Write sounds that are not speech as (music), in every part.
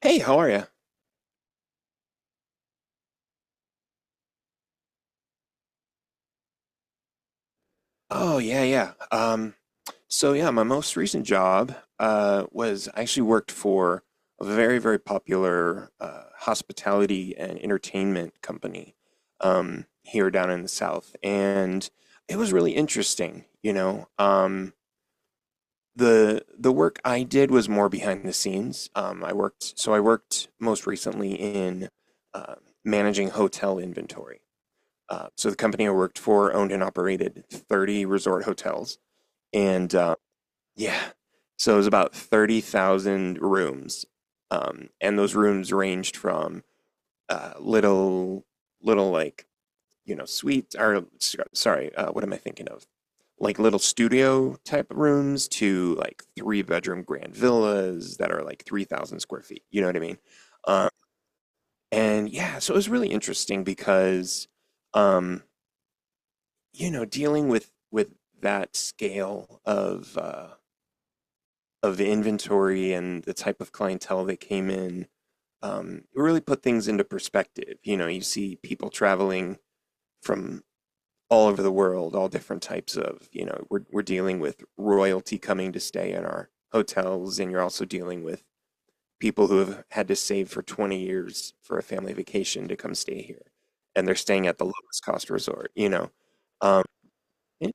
Hey, how are you? Oh, yeah, yeah. So yeah, my most recent job was I actually worked for a very, very popular hospitality and entertainment company here down in the South, and it was really interesting. The work I did was more behind the scenes. So I worked most recently in uh, managing hotel inventory. So the company I worked for owned and operated 30 resort hotels, and yeah, so it was about 30,000 rooms, and those rooms ranged from little, little like you know suites or sorry, what am I thinking of? Like little studio type rooms to like three-bedroom grand villas that are like 3,000 square feet. You know what I mean? Uh, and yeah, so it was really interesting because. Um, dealing with that scale of inventory and the type of clientele that came in, it really put things into perspective. You know, you see people traveling from all over the world, all different types of, you know, we're dealing with royalty coming to stay in our hotels, and you're also dealing with people who have had to save for 20 years for a family vacation to come stay here, and they're staying at the lowest cost resort. Um, In-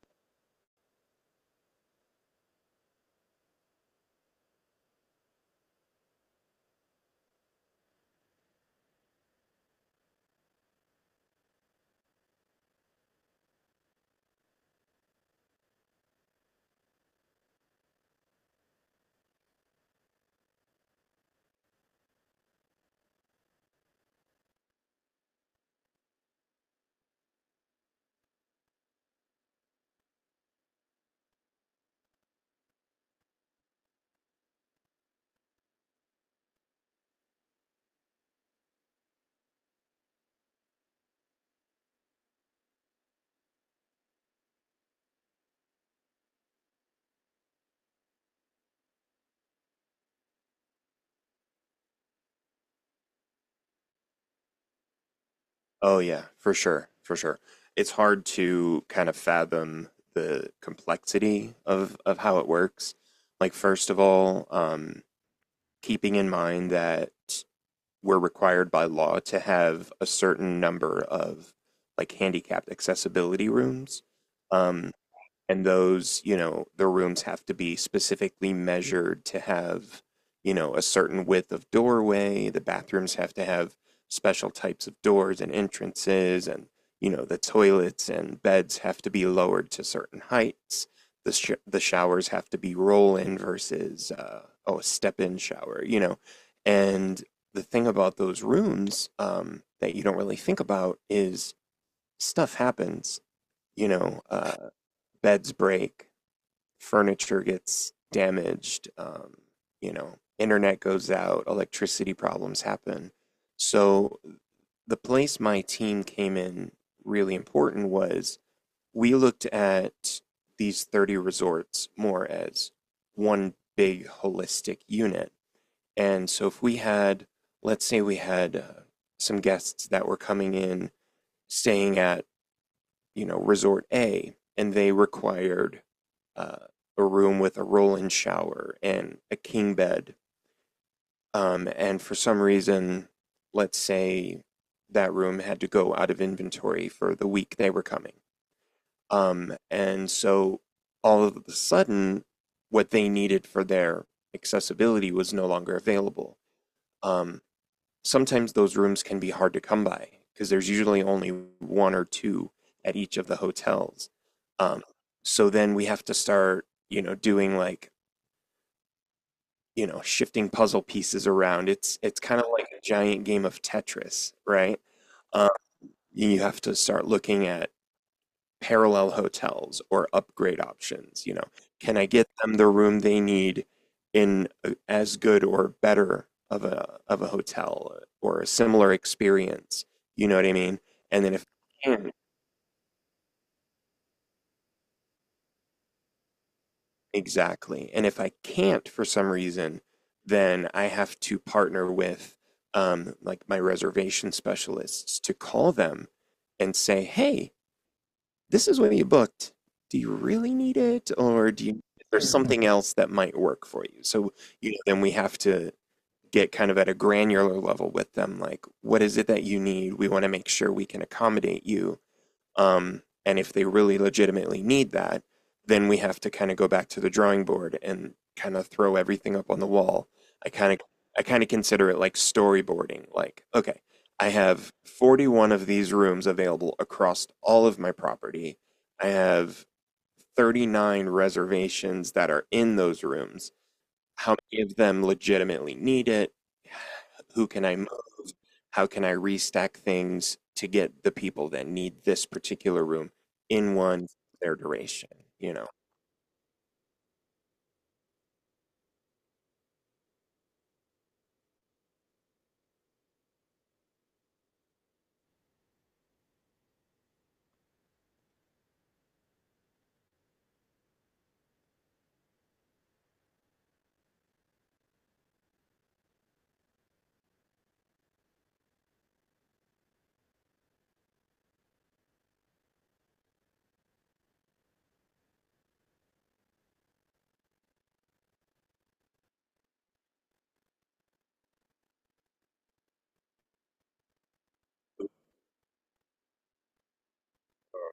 Oh yeah, for sure, for sure. It's hard to kind of fathom the complexity of how it works. Like first of all, keeping in mind that we're required by law to have a certain number of like handicapped accessibility rooms. Um, and those you know the rooms have to be specifically measured to have you know a certain width of doorway, the bathrooms have to have special types of doors and entrances, and you know the toilets and beds have to be lowered to certain heights, the showers have to be roll in versus oh, a step in shower, you know. And the thing about those rooms that you don't really think about is stuff happens, you know uh, beds break, furniture gets damaged, you know, internet goes out, electricity problems happen. So the place my team came in really important was we looked at these 30 resorts more as one big holistic unit. And so if we had, let's say we had some guests that were coming in staying at, you know, resort A, and they required uh, a room with a roll-in shower and a king bed. And for some reason, let's say that room had to go out of inventory for the week they were coming. And so all of a sudden, what they needed for their accessibility was no longer available. Um, sometimes those rooms can be hard to come by because there's usually only one or two at each of the hotels. Um, so then we have to start, you know, doing like, you know, shifting puzzle pieces around. It's kind of like a giant game of Tetris, right? Um, you have to start looking at parallel hotels or upgrade options. You know, can I get them the room they need in as good or better of a hotel or a similar experience? You know what I mean? And then if I can, exactly. And if I can't for some reason, then I have to partner with like my reservation specialists to call them and say, "Hey, this is what you booked. Do you really need it, or do you there's something else that might work for you?" So you know, then we have to get kind of at a granular level with them, like, "What is it that you need? We want to make sure we can accommodate you." And if they really legitimately need that, then we have to kind of go back to the drawing board and kind of throw everything up on the wall. I I kind of consider it like storyboarding. Like, okay, I have 41 of these rooms available across all of my property. I have 39 reservations that are in those rooms. How many of them legitimately need it? (sighs) Who can I move? How can I restack things to get the people that need this particular room in one their duration? You know,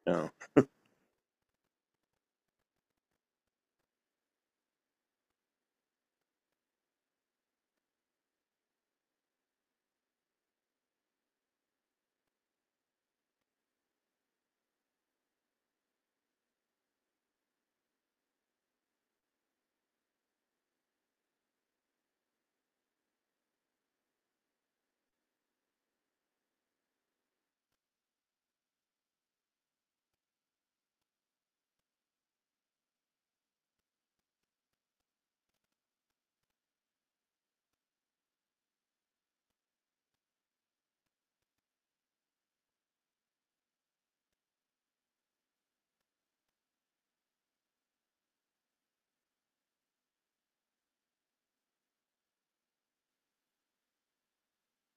no.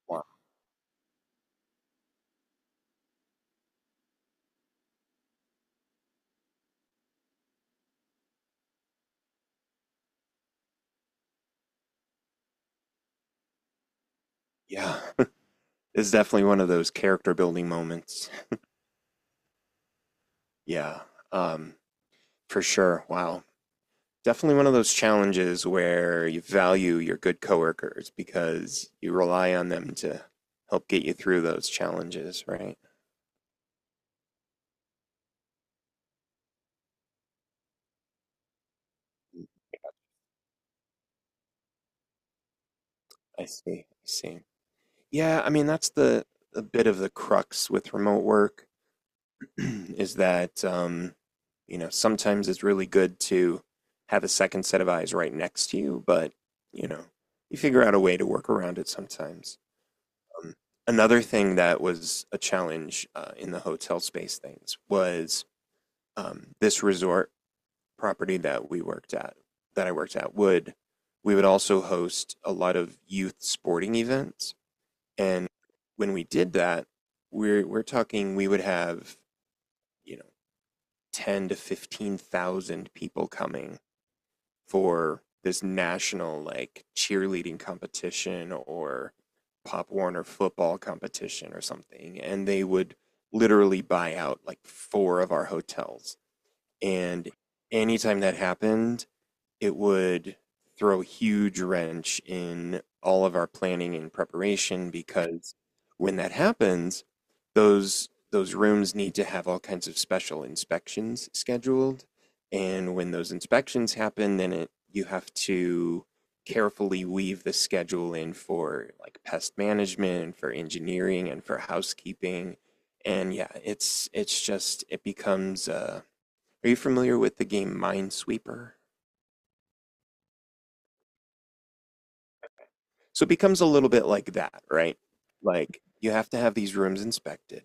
Wow. Yeah. (laughs) It's definitely one of those character building moments. Yeah. Um, for sure. Wow. Definitely one of those challenges where you value your good coworkers because you rely on them to help get you through those challenges, right? I see. I see. Yeah, I mean that's the a bit of the crux with remote work (clears throat) is that you know sometimes it's really good to have a second set of eyes right next to you, but you know you figure out a way to work around it sometimes. Um, another thing that was a challenge in the hotel space things was this resort property that I worked at would, we would also host a lot of youth sporting events. And when we did that, we're talking we would have, you know, 10 to 15,000 people coming for this national like cheerleading competition or Pop Warner football competition or something, and they would literally buy out like four of our hotels, and anytime that happened, it would throw a huge wrench in all of our planning and preparation because when that happens, those rooms need to have all kinds of special inspections scheduled. And when those inspections happen, then it you have to carefully weave the schedule in for like pest management, for engineering, and for housekeeping. And yeah, it's just it becomes uh, are you familiar with the game Minesweeper? So it becomes a little bit like that, right? Like you have to have these rooms inspected.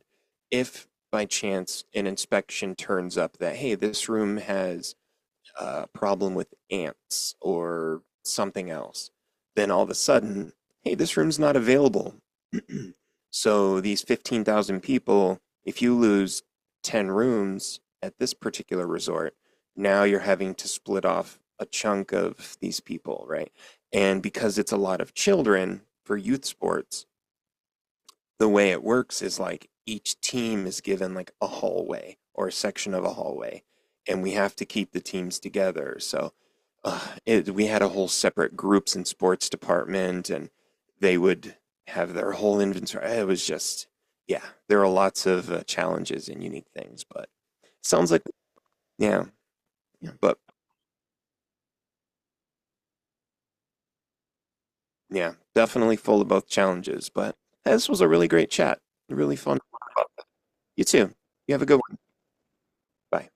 If by chance an inspection turns up that, hey, this room has a problem with ants or something else, then all of a sudden, hey, this room's not available. (clears throat) So these 15,000 people, if you lose 10 rooms at this particular resort, now you're having to split off a chunk of these people, right? And because it's a lot of children for youth sports, the way it works is like each team is given like a hallway or a section of a hallway, and we have to keep the teams together. So uh, it, we had a whole separate groups and sports department, and they would have their whole inventory. It was just, yeah, there are lots of challenges and unique things, but sounds like, yeah, yeah, but yeah, definitely full of both challenges. But this was a really great chat, really fun. You too. You have a good one. Bye.